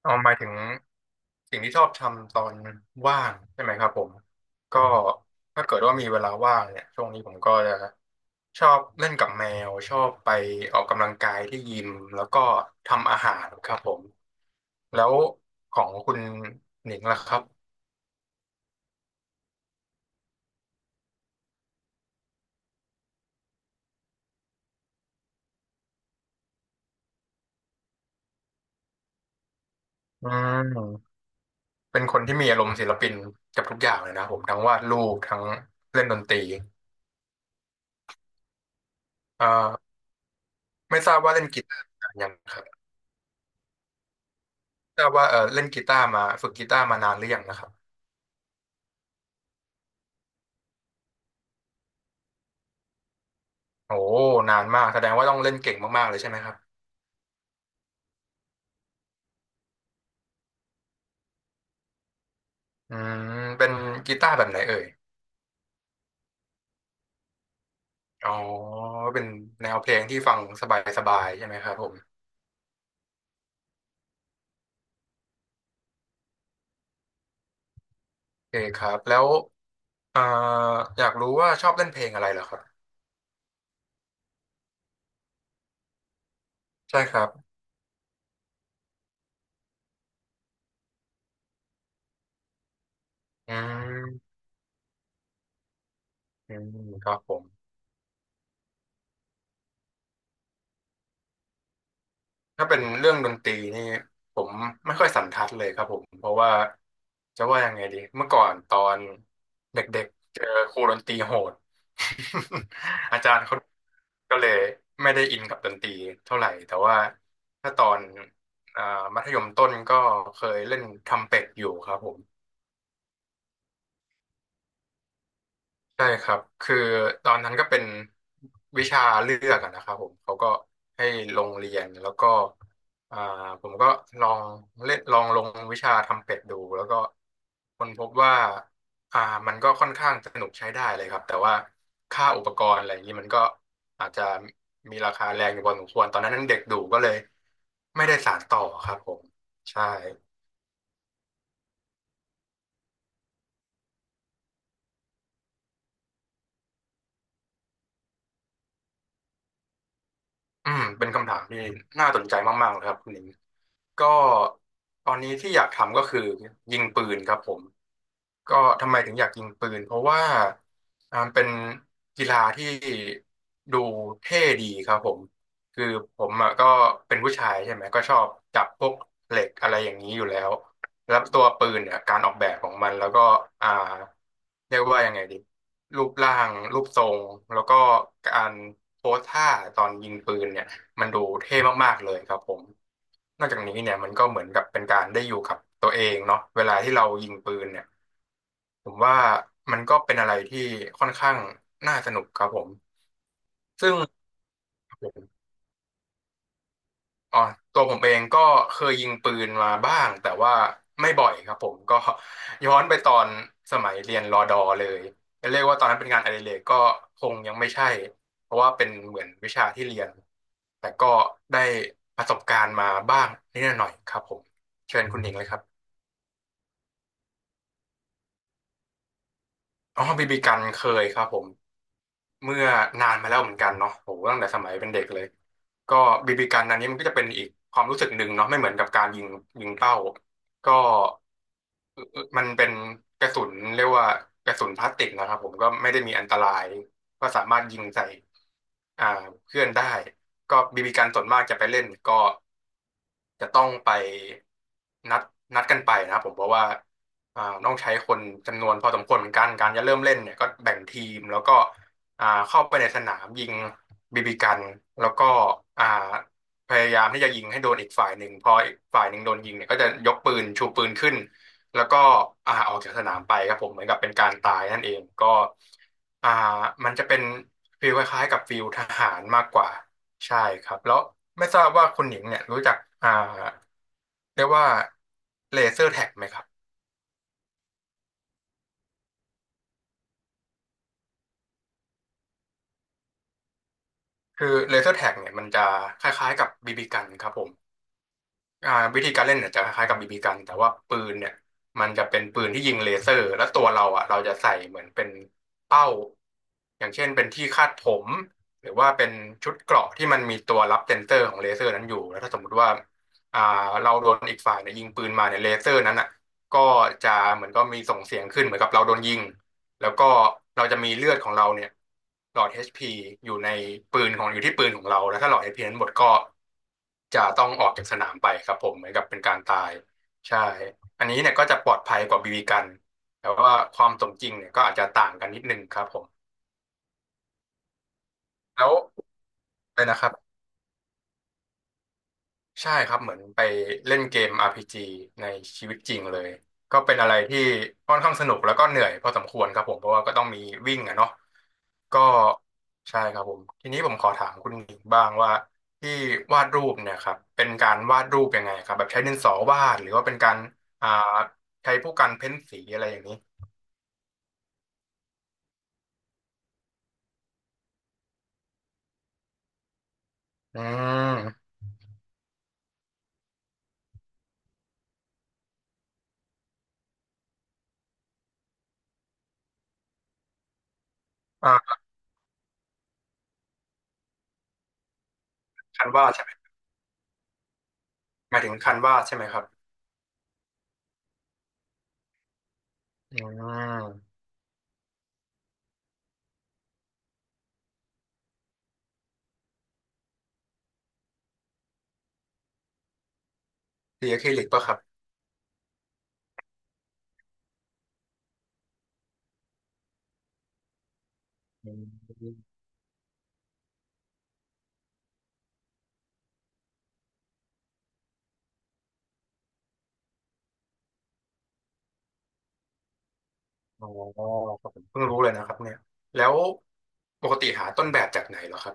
เอาหมายถึงสิ่งที่ชอบทำตอนว่างใช่ไหมครับผมก็ถ้าเกิดว่ามีเวลาว่างเนี่ยช่วงนี้ผมก็จะชอบเล่นกับแมวชอบไปออกกำลังกายที่ยิมแล้วก็ทำอาหารครับผมแล้วของคุณหนิงล่ะครับอืมเป็นคนที่มีอารมณ์ศิลปินกับทุกอย่างเลยนะผมทั้งวาดรูปทั้งเล่นดนตรีเอ่อไม่ทราบว่าเล่นกีตาร์นานยังครับทราบว่าเล่นกีตาร์มาฝึกกีตาร์มานานหรือยังนะครับ โอ้นานมากแสดงว่าต้องเล่นเก่งมากๆเลยใช่ไหมครับอืมเป็นกีตาร์แบบไหนเอ่ยอ๋อเป็นแนวเพลงที่ฟังสบายๆใช่ไหมครับผมโอเคครับแล้วเอ่ออยากรู้ว่าชอบเล่นเพลงอะไรเหรอครับใช่ครับอืมอืมครับผม ถ้าเป็นเรื่องดนตรีนี่ผมไม่ค่อยสันทัดเลยครับผมเพราะว่าจะว่ายังไงดีเมื่อก่อนตอนเด็กๆเจอครูดนตรีโหด อาจารย์เขาก็เลยไม่ได้อินกับดนตรีเท่าไหร่แต่ว่าถ้าตอนอ่ามัธยมต้นก็เคยเล่นทำเป็ดอยู่ครับผม ใช่ครับคือตอนนั้นก็เป็นวิชาเลือกอะนะครับผมเขาก็ให้ลงเรียนแล้วก็อ่าผมก็ลองเล่นลองลงวิชาทำเป็ดดูแล้วก็ค้นพบว่าอ่ามันก็ค่อนข้างสนุกใช้ได้เลยครับแต่ว่าค่าอุปกรณ์อะไรอย่างนี้มันก็อาจจะมีราคาแรงอยู่พอสมควรตอนนั้นเด็กดูก็เลยไม่ได้สานต่อครับผมใช่ อืมเป็นคำถามที่น่าสนใจมากๆเลยครับคุณหนิงก็ตอนนี้ที่อยากทำก็คือยิงปืนครับผมก็ทำไมถึงอยากยิงปืนเพราะว่าเป็นกีฬาที่ดูเท่ดีครับผมคือผมอะก็เป็นผู้ชายใช่ไหมก็ชอบจับพวกเหล็กอะไรอย่างนี้อยู่แล้ว แล้วตัวปืนเนี่ยการออกแบบของมันแล้วก็อ่าเรียกว่ายังไงดีรูปร่างรูปทรงแล้วก็การโพสท่าตอนยิงปืนเนี่ยมันดูเท่มากๆเลยครับผมนอกจากนี้เนี่ยมันก็เหมือนกับเป็นการได้อยู่กับตัวเองเนาะเวลาที่เรายิงปืนเนี่ยผมว่ามันก็เป็นอะไรที่ค่อนข้างน่าสนุกครับผมซึ่ง อ๋อตัวผมเองก็เคยยิงปืนมาบ้างแต่ว่าไม่บ่อยครับผมก็ ย้อนไปตอนสมัยเรียนรอดอเลยจะเรียกว่าตอนนั้นเป็นงานอดิเรกก็คงยังไม่ใช่เพราะว่าเป็นเหมือนวิชาที่เรียนแต่ก็ได้ประสบการณ์มาบ้างนิดหน่อยครับผมเชิญคุณหญิงเลยครับอ๋อบีบีกันเคยครับผม เมื่อนานมาแล้วเหมือนกันเนาะโหตั้งแต่สมัยเป็นเด็กเลยก็บีบีกันอันนี้มันก็จะเป็นอีกความรู้สึกหนึ่งเนาะไม่เหมือนกับการยิงยิงเป้าก็เอ่อมันเป็นกระสุนเรียกว่ากระสุนพลาสติกนะครับผมก็ไม่ได้มีอันตรายก็สามารถยิงใส่อ่าเพื่อนได้ก็บีบีกันส่วนมากจะไปเล่นก็จะต้องไปนัดนัดกันไปนะครับผมเพราะว่าต้องใช้คนจำนวนพอสมควรเหมือนกันการจะเริ่มเล่นเนี่ยก็แบ่งทีมแล้วก็ เข้าไปในสนามยิงบีบีกันแล้วก็อ่าพยายามที่จะยิงให้โดนอีกฝ่ายหนึ่งพออีกฝ่ายหนึ่งโดนยิงเนี่ยก็จะยกปืนชูปืนขึ้นแล้วก็ออกจากสนามไปครับผมเหมือนกับเป็นการตายนั่นเองก็อ่ามันจะเป็นฟีลคล้ายๆกับฟีลทหารมากกว่าใช่ครับแล้วไม่ทราบว่าคุณหญิงเนี่ยรู้จักอ่าเรียกว่าเลเซอร์แท็กไหมครับคือเลเซอร์แท็กเนี่ยมันจะคล้ายๆกับบีบีกันครับผม วิธีการเล่นเนี่ยจะคล้ายๆกับบีบีกันแต่ว่าปืนเนี่ยมันจะเป็นปืนที่ยิงเลเซอร์แล้วตัวเราอ่ะเราจะใส่เหมือนเป็นเป้าอย่างเช่นเป็นที่คาดผมหรือว่าเป็นชุดเกราะที่มันมีตัวรับเซ็นเซอร์ของเลเซอร์นั้นอยู่แล้วถ้าสมมติว่าอ่าเราโดนอีกฝ่ายเนี่ยยิงปืนมาเนี่ยเลเซอร์นั้นอ่ะก็จะเหมือนก็มีส่งเสียงขึ้นเหมือนกับเราโดนยิง แล้วก็เราจะมีเลือดของเราเนี่ยหลอด HP อชพีอยู่ในปืนของอยู่ที่ปืนของเราแล้วถ้าหลอดเอชพีนั้นหมดก็จะต้องออกจากสนามไปครับผมเหมือนกับเป็นการตายใช่อันนี้เนี่ยก็จะปลอดภัยกว่าบีบีกันแต่ว่าความสมจริงเนี่ยก็อาจจะต่างกันนิดนึงครับผมแล้วเลยนะครับ ใช่ครับเหมือนไปเล่นเกมอาร์พีจีในชีวิตจริงเลยก็เป็นอะไรที่ค่อนข้างสนุกแล้วก็เหนื่อยพอสมควรครับผมเพราะว่าก็ต้องมีวิ่งอะเนาะก็ใช่ครับผมทีนี้ผมขอถามคุณหญิงบ้างว่าที่วาดรูปเนี่ยครับเป็นการวาดรูปยังไงครับแบบใช้ดินสอวาดหรือว่าเป็นการอ่าใช้พวกการเพ้นสีอะไรอย่างนี้อืมอ่าคันวาดใช่ไหมหมายถึงคันวาดใช่ไหมครับอืมสีอะคริลิกปะครับอืม อ๋อครับผมเพิ่งรู้เลยนะครับเนี่ยแล้วปกติหาต้นแบบจากไหนเหรอครับ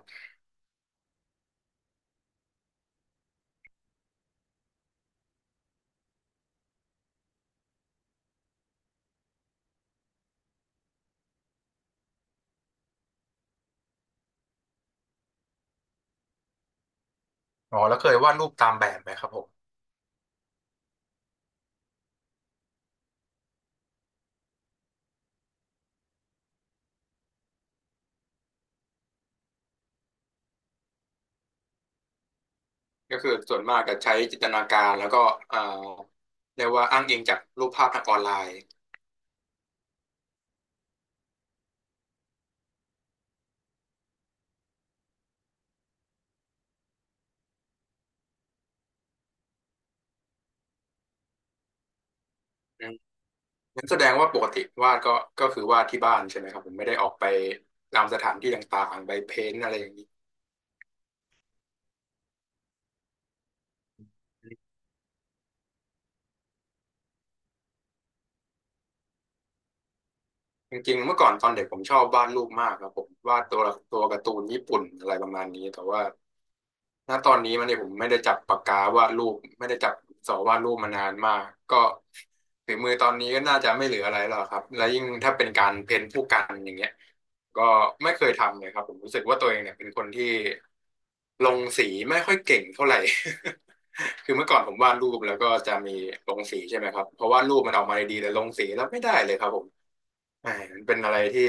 อ๋อแล้วเคยวาดรูปตามแบบไหมครับผมก็คือส่วนมากก็ใช้จินตนาการแล้วก็เอ่อเรียกว่าอ้างอิงจากรูปภาพทางออนไลน์อืมงั้นแสดงว่าปกติวาดก็ก็คือวาดที่บ้านใช่ไหมครับผมไม่ได้ออกไปตามสถานที่ต่างๆไปเพ้นท์อะไรอย่างนี้จริงๆเมื่อก่อนตอนเด็กผมชอบวาดรูปมากครับผมวาดตัวตัวการ์ตูนญี่ปุ่นอะไรประมาณนี้แต่ว่า ณตอนนี้มันเนี่ยผมไม่ได้จับปากกาวาดรูปไม่ได้จับสอวาดรูปมานานมากก็ฝีมือตอนนี้ก็น่าจะไม่เหลืออะไรแล้วครับและยิ่งถ้าเป็นการเพ้นท์ผู้กันอย่างเงี้ยก็ไม่เคยทำเลยครับผมรู้สึกว่าตัวเองเนี่ยเป็นคนที่ลงสีไม่ค่อยเก่งเท่าไหร่ คือเมื่อก่อนผมวาดรูปแล้วก็จะมีลงสีใช่ไหมครับเพราะวาดรูปมันออกมาดีๆแต่ลงสีแล้วไม่ได้เลยครับผมแหมมันเป็นอะไรที่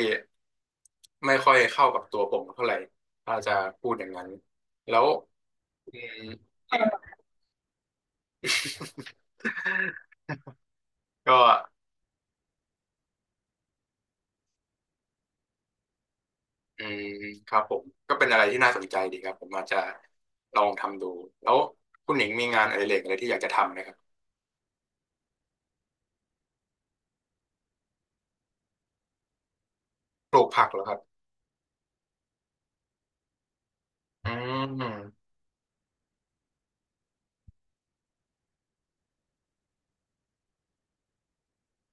ไม่ค่อยเข้ากับตัวผมเท่าไหร่ถ้าจะพูดอย่างนั้นแล้ว อืมก็อืมครับผมก็เป็นอะไรที่น่าสนใจดีครับผมอาจจะลองทำดูแล้วคุณหนิงมีงานอดิเรกอะไรที่อยากจะทำไหมครับปลูกผักเหรอครับอืม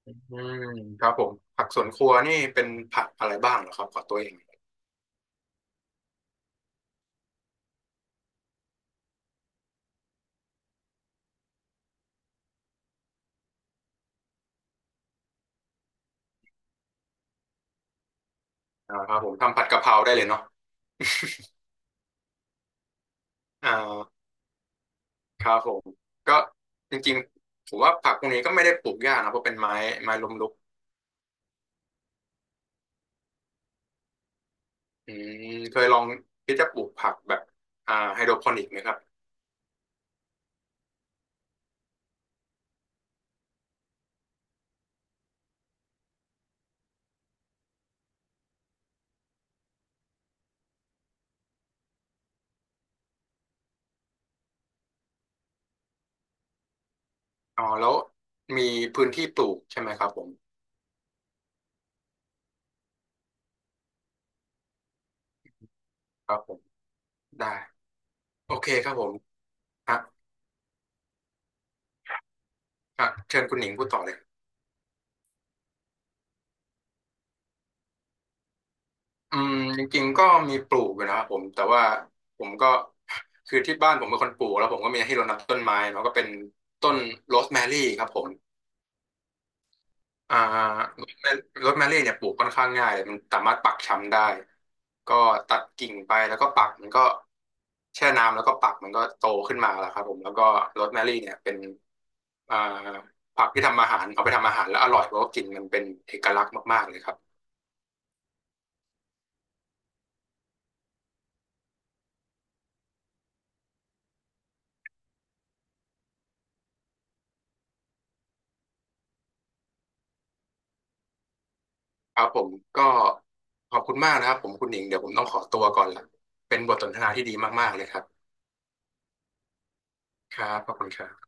อืมครับผมผักสวนครัวนี่เป็นผักอะไรบ้างเหรอครับขอตัวเองอ่าครับผมทำผัดกะเพราได้เลยเนาะอ่าครับผมก็จริงๆผมว่าผักพวกนี้ก็ไม่ได้ปลูกยากนะเพราะเป็นไม้ไม้ล้มลุกอืมเคยลองที่จะปลูกผักแบบไฮโดรโปนิกไหมครับ อ๋อแล้วมีพื้นที่ปลูกใช่ไหมครับผมครับผมได้โอเคครับผมฮะฮะเชิญคุณหนิงพูดต่อเลยอืมจริงๆก็มีปลูกอยู่นะครับผมแต่ว่าผมก็คือที่บ้านผมเป็นคนปลูกแล้วผมก็มีให้รดน้ำต้นไม้เนาะก็เป็นต้นโรสแมรี่ครับผม อ่าโรสแมรี่เนี่ยปลูกค่อนข้างง่ายเลยมันสามารถปักช้ำได้ก็ตัดกิ่งไปแล้วก็ปักมันก็แช่น้ำแล้วก็ปักมันก็โตขึ้นมาแล้วครับผมแล้วก็โรสแมรี่เนี่ยเป็นอ่าผักที่ทำอาหารเอาไปทำอาหารแล้วอร่อยเพราะว่ากินมันเป็นเอกลักษณ์มากๆเลยครับครับผมก็ขอบคุณมากนะครับผมคุณหญิงเดี๋ยวผมต้องขอตัวก่อนละเป็นบทสนทนาที่ดีมากๆเลยครับครับขอบคุณครับ